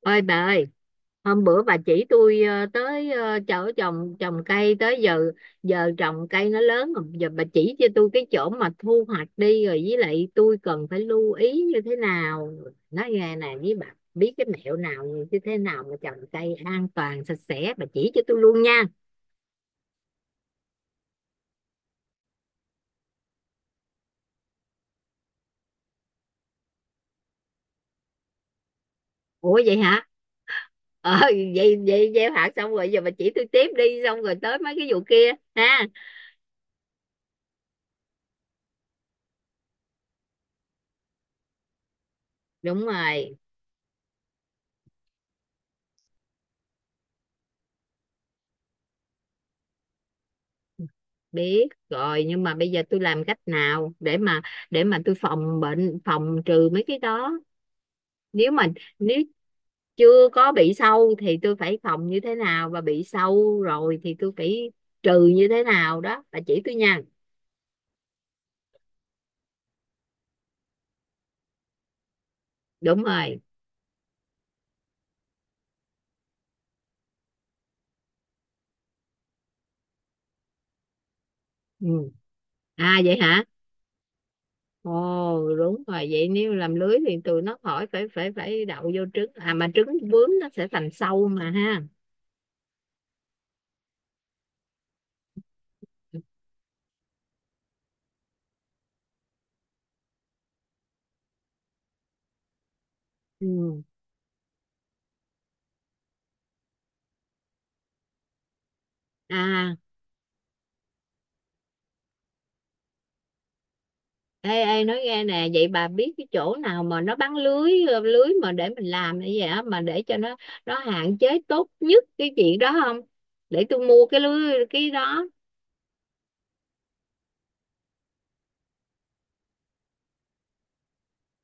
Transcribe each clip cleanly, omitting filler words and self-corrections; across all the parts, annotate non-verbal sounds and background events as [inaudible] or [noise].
Ôi bà ơi, hôm bữa bà chỉ tôi tới chỗ trồng trồng cây tới giờ, giờ trồng cây nó lớn rồi, giờ bà chỉ cho tôi cái chỗ mà thu hoạch đi rồi với lại tôi cần phải lưu ý như thế nào. Nói nghe nè với bà, biết cái mẹo nào, như thế nào mà trồng cây an toàn sạch sẽ bà chỉ cho tôi luôn nha. Ủa vậy hả? Ờ, vậy vậy gieo hạt xong rồi giờ bà chỉ tôi tiếp đi xong rồi tới mấy cái vụ kia ha. Đúng rồi. Biết rồi, nhưng mà bây giờ tôi làm cách nào để mà tôi phòng bệnh, phòng trừ mấy cái đó, nếu mà nếu chưa có bị sâu thì tôi phải phòng như thế nào, và bị sâu rồi thì tôi phải trừ như thế nào đó bà chỉ tôi nha. Đúng rồi. Ừ. À vậy hả? Ồ, đúng rồi, vậy nếu làm lưới thì tụi nó khỏi phải phải phải đậu vô trứng, à mà trứng bướm nó sẽ thành sâu mà ha. Ừ. À, ê, ê, nói nghe nè, vậy bà biết cái chỗ nào mà nó bán lưới, lưới mà để mình làm như vậy á, mà để cho nó hạn chế tốt nhất cái chuyện đó không? Để tôi mua cái lưới cái đó.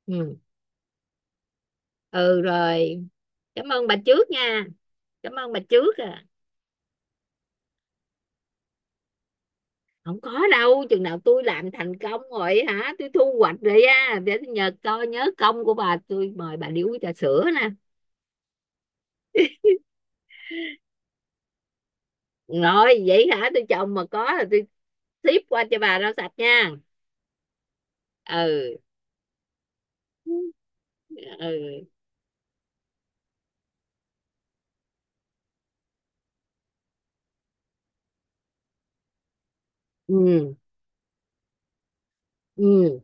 Ừ. Ừ rồi. Cảm ơn bà trước nha. Cảm ơn bà trước à. Không có đâu, chừng nào tôi làm thành công rồi hả, tôi thu hoạch rồi á, để tôi nhờ coi nhớ công của bà, tôi mời bà đi uống trà sữa nè. Rồi, vậy hả, tôi trồng mà có là tôi ship qua cho bà rau sạch nha. Ừ. Ừ. Ừ, ừ,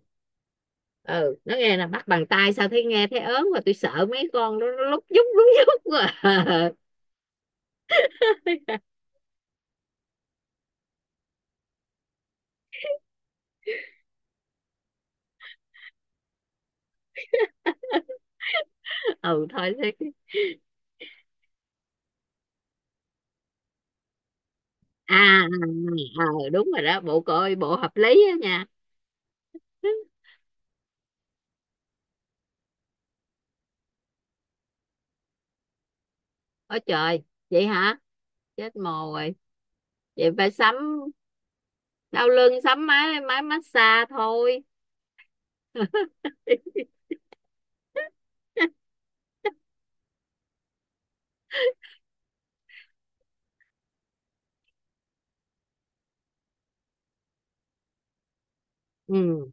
ừ, nó nghe là bắt bằng tay sao thấy, nghe thấy ớn, và tôi sợ mấy con nó lúc nhúc quá. [laughs] Ừ thôi thế. À, à, à, ừ, đúng rồi đó, bộ coi bộ hợp lý á nha. Ôi trời, vậy hả, chết mồ rồi. Vậy phải sắm, đau lưng sắm máy máy massage thôi. [laughs] Ừ,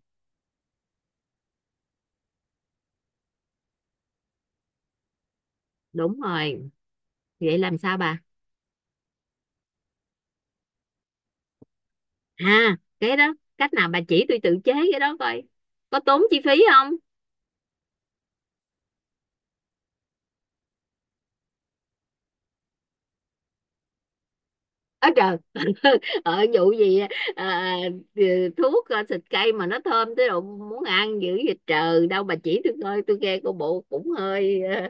đúng rồi. Vậy làm sao bà? À cái đó cách nào bà chỉ tôi tự chế cái đó coi? Có tốn chi phí không? Ở trời. Vụ gì? À, thuốc xịt cây mà nó thơm tới độ muốn ăn dữ vậy trời, đâu bà chỉ tôi coi, tôi nghe cô bộ cũng hơi ờ.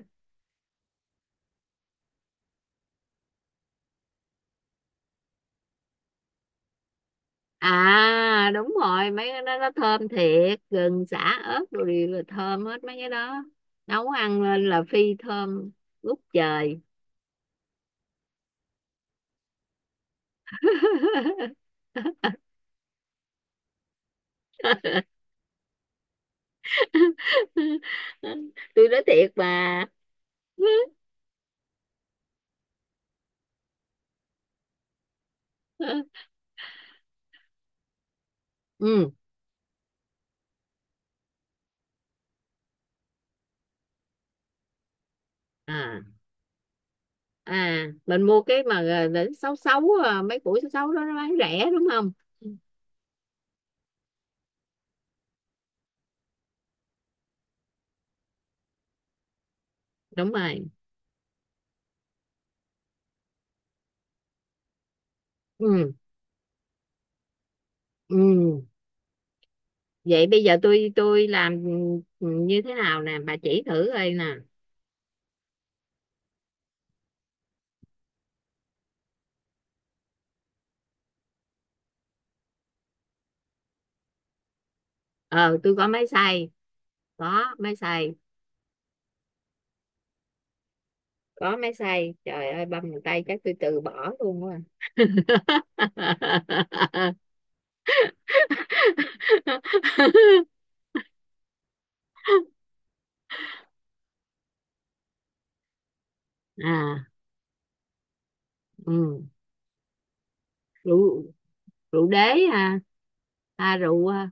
À đúng rồi, mấy cái đó nó thơm thiệt, gừng, sả, ớt rồi đều là thơm hết mấy cái đó. Nấu ăn lên là phi thơm ngút trời. [laughs] Tôi nói thiệt mà. [laughs] Ừ, à, à, mình mua cái mà đến sáu sáu, mấy củ sáu sáu đó nó bán rẻ đúng không? Đúng rồi. Ừ. Ừ. Vậy bây giờ tôi làm như thế nào nè bà chỉ thử coi nè? Ờ tôi có máy xay. Có máy xay, có máy xay, trời ơi, băm một tay chắc tôi từ bỏ luôn quá. [laughs] À ừ. rượu rượu đế. À, à rượu à,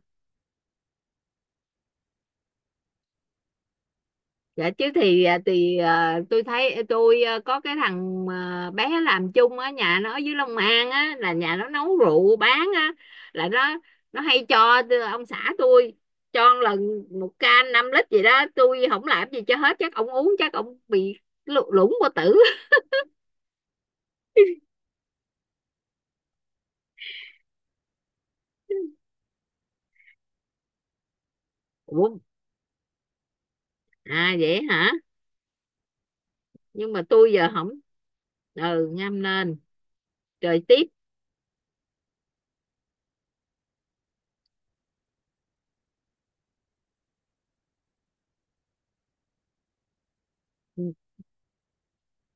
dạ chứ thì tôi thấy có cái thằng bé làm chung ở nhà nó ở dưới Long An á, là nhà nó nấu rượu bán á, là nó hay cho ông xã tôi, cho một lần một can 5 lít gì đó, tôi không làm gì cho hết, chắc ông uống chắc ông bị lủng qua tử. [laughs] Ủa, à vậy hả? Nhưng mà tôi giờ không. Ừ ngâm lên. Trời tiếp.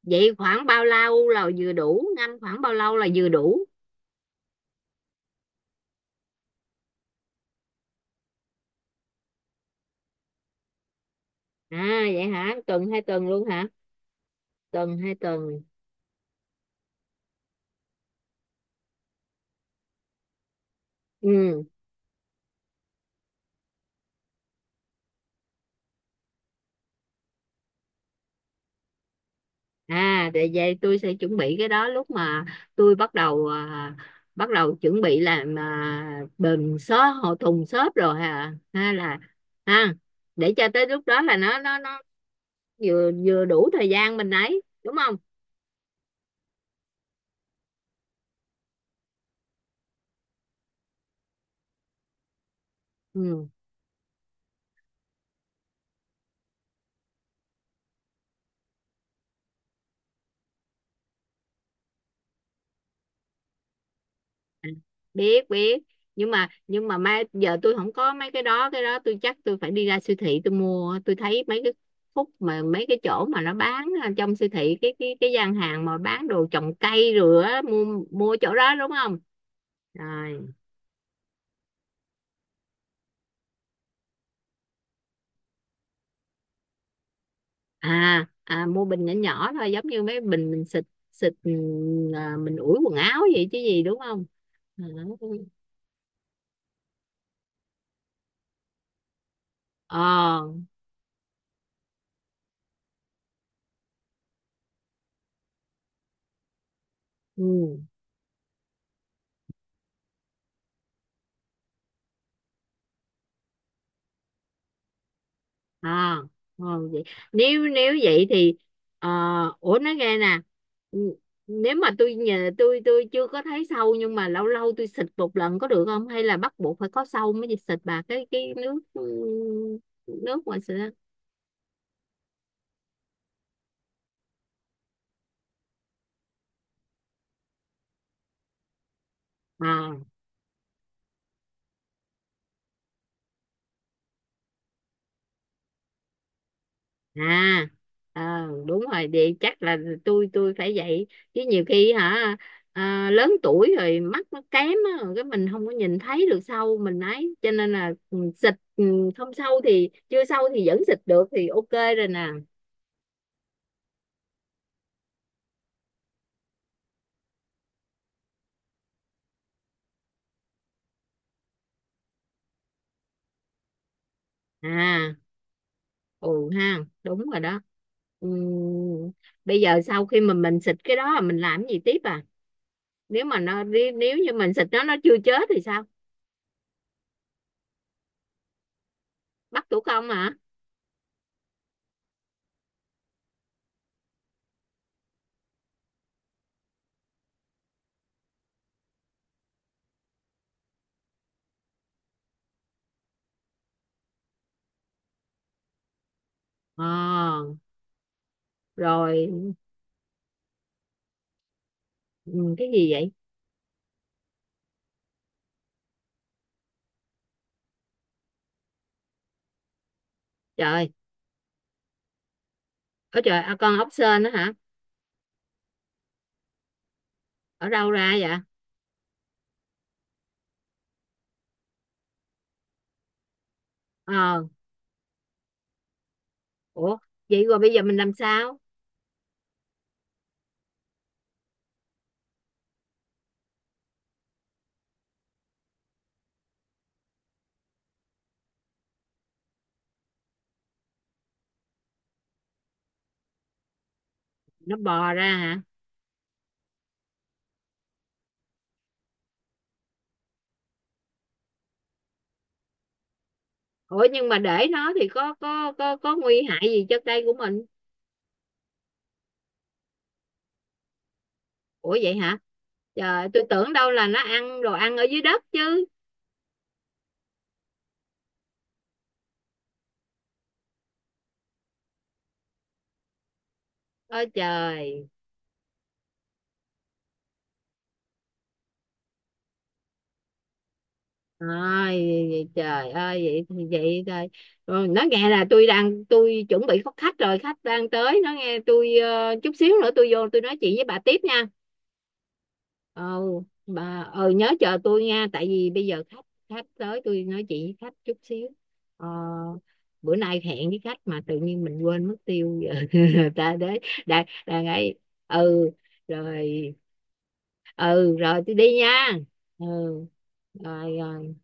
Vậy khoảng bao lâu là vừa đủ, ngâm khoảng bao lâu là vừa đủ? À vậy hả, tuần 2 tuần luôn hả? Tuần hai tuần. Ừ. À để vậy tôi sẽ chuẩn bị cái đó lúc mà tôi bắt đầu bắt đầu chuẩn bị làm bình xốp hộ thùng xốp rồi hả ha, là ha, để cho tới lúc đó là nó vừa vừa đủ thời gian mình ấy đúng không? Ừ. Biết biết, nhưng mà mai giờ tôi không có mấy cái đó, cái đó tôi chắc tôi phải đi ra siêu thị tôi mua. Tôi thấy mấy cái khúc mà mấy cái chỗ mà nó bán ở trong siêu thị, cái gian hàng mà bán đồ trồng cây rồi á, mua mua chỗ đó đúng không? Rồi. À, à, mua bình nhỏ nhỏ thôi, giống như mấy bình mình xịt, ừ, à, mình ủi quần áo vậy chứ gì đúng không? Ờ. Ờ. Ừ. À thôi vậy, nếu nếu vậy thì, ờ, ủa nói nghe nè, n- nếu mà tôi nhờ tôi chưa có thấy sâu nhưng mà lâu lâu tôi xịt một lần có được không, hay là bắt buộc phải có sâu mới xịt bà, cái nước nước mà xịt á? À. À, ờ, đúng rồi, vậy chắc là tôi phải vậy chứ nhiều khi hả, lớn tuổi rồi mắt nó kém á, cái mình không có nhìn thấy được sâu mình ấy, cho nên là xịt không sâu thì chưa sâu thì vẫn xịt được thì OK rồi nè. À, ừ ha, đúng rồi đó. Ừ, bây giờ sau khi mà mình xịt cái đó mình làm cái gì tiếp à, nếu mà nó, nếu nếu như mình xịt nó chưa chết thì sao? Bắt tủ công hả? Ờ rồi. Ừ, cái gì vậy? Trời, ở trời, con ốc sên đó hả? Ở đâu ra vậy? Ờ, ủa, vậy rồi bây giờ mình làm sao? Nó bò ra hả? Ủa nhưng mà để nó thì có nguy hại gì cho cây của mình? Ủa vậy hả? Trời, tôi tưởng đâu là nó ăn đồ ăn ở dưới đất chứ. Ôi trời. Ôi trời ơi, vậy thì vậy thôi. Ừ, nó nghe là tôi đang, tôi chuẩn bị có khách rồi, khách đang tới, nó nghe tôi chút xíu nữa tôi vô tôi nói chuyện với bà tiếp nha. Ờ, bà nhớ chờ tôi nha, tại vì bây giờ khách, khách tới tôi nói chuyện với khách chút xíu. ờ, bữa nay hẹn với khách mà tự nhiên mình quên mất tiêu giờ. [laughs] Ta đấy. Đang đang ấy. Ừ rồi. Ừ rồi tôi đi nha. Ừ. Rồi. Ờ,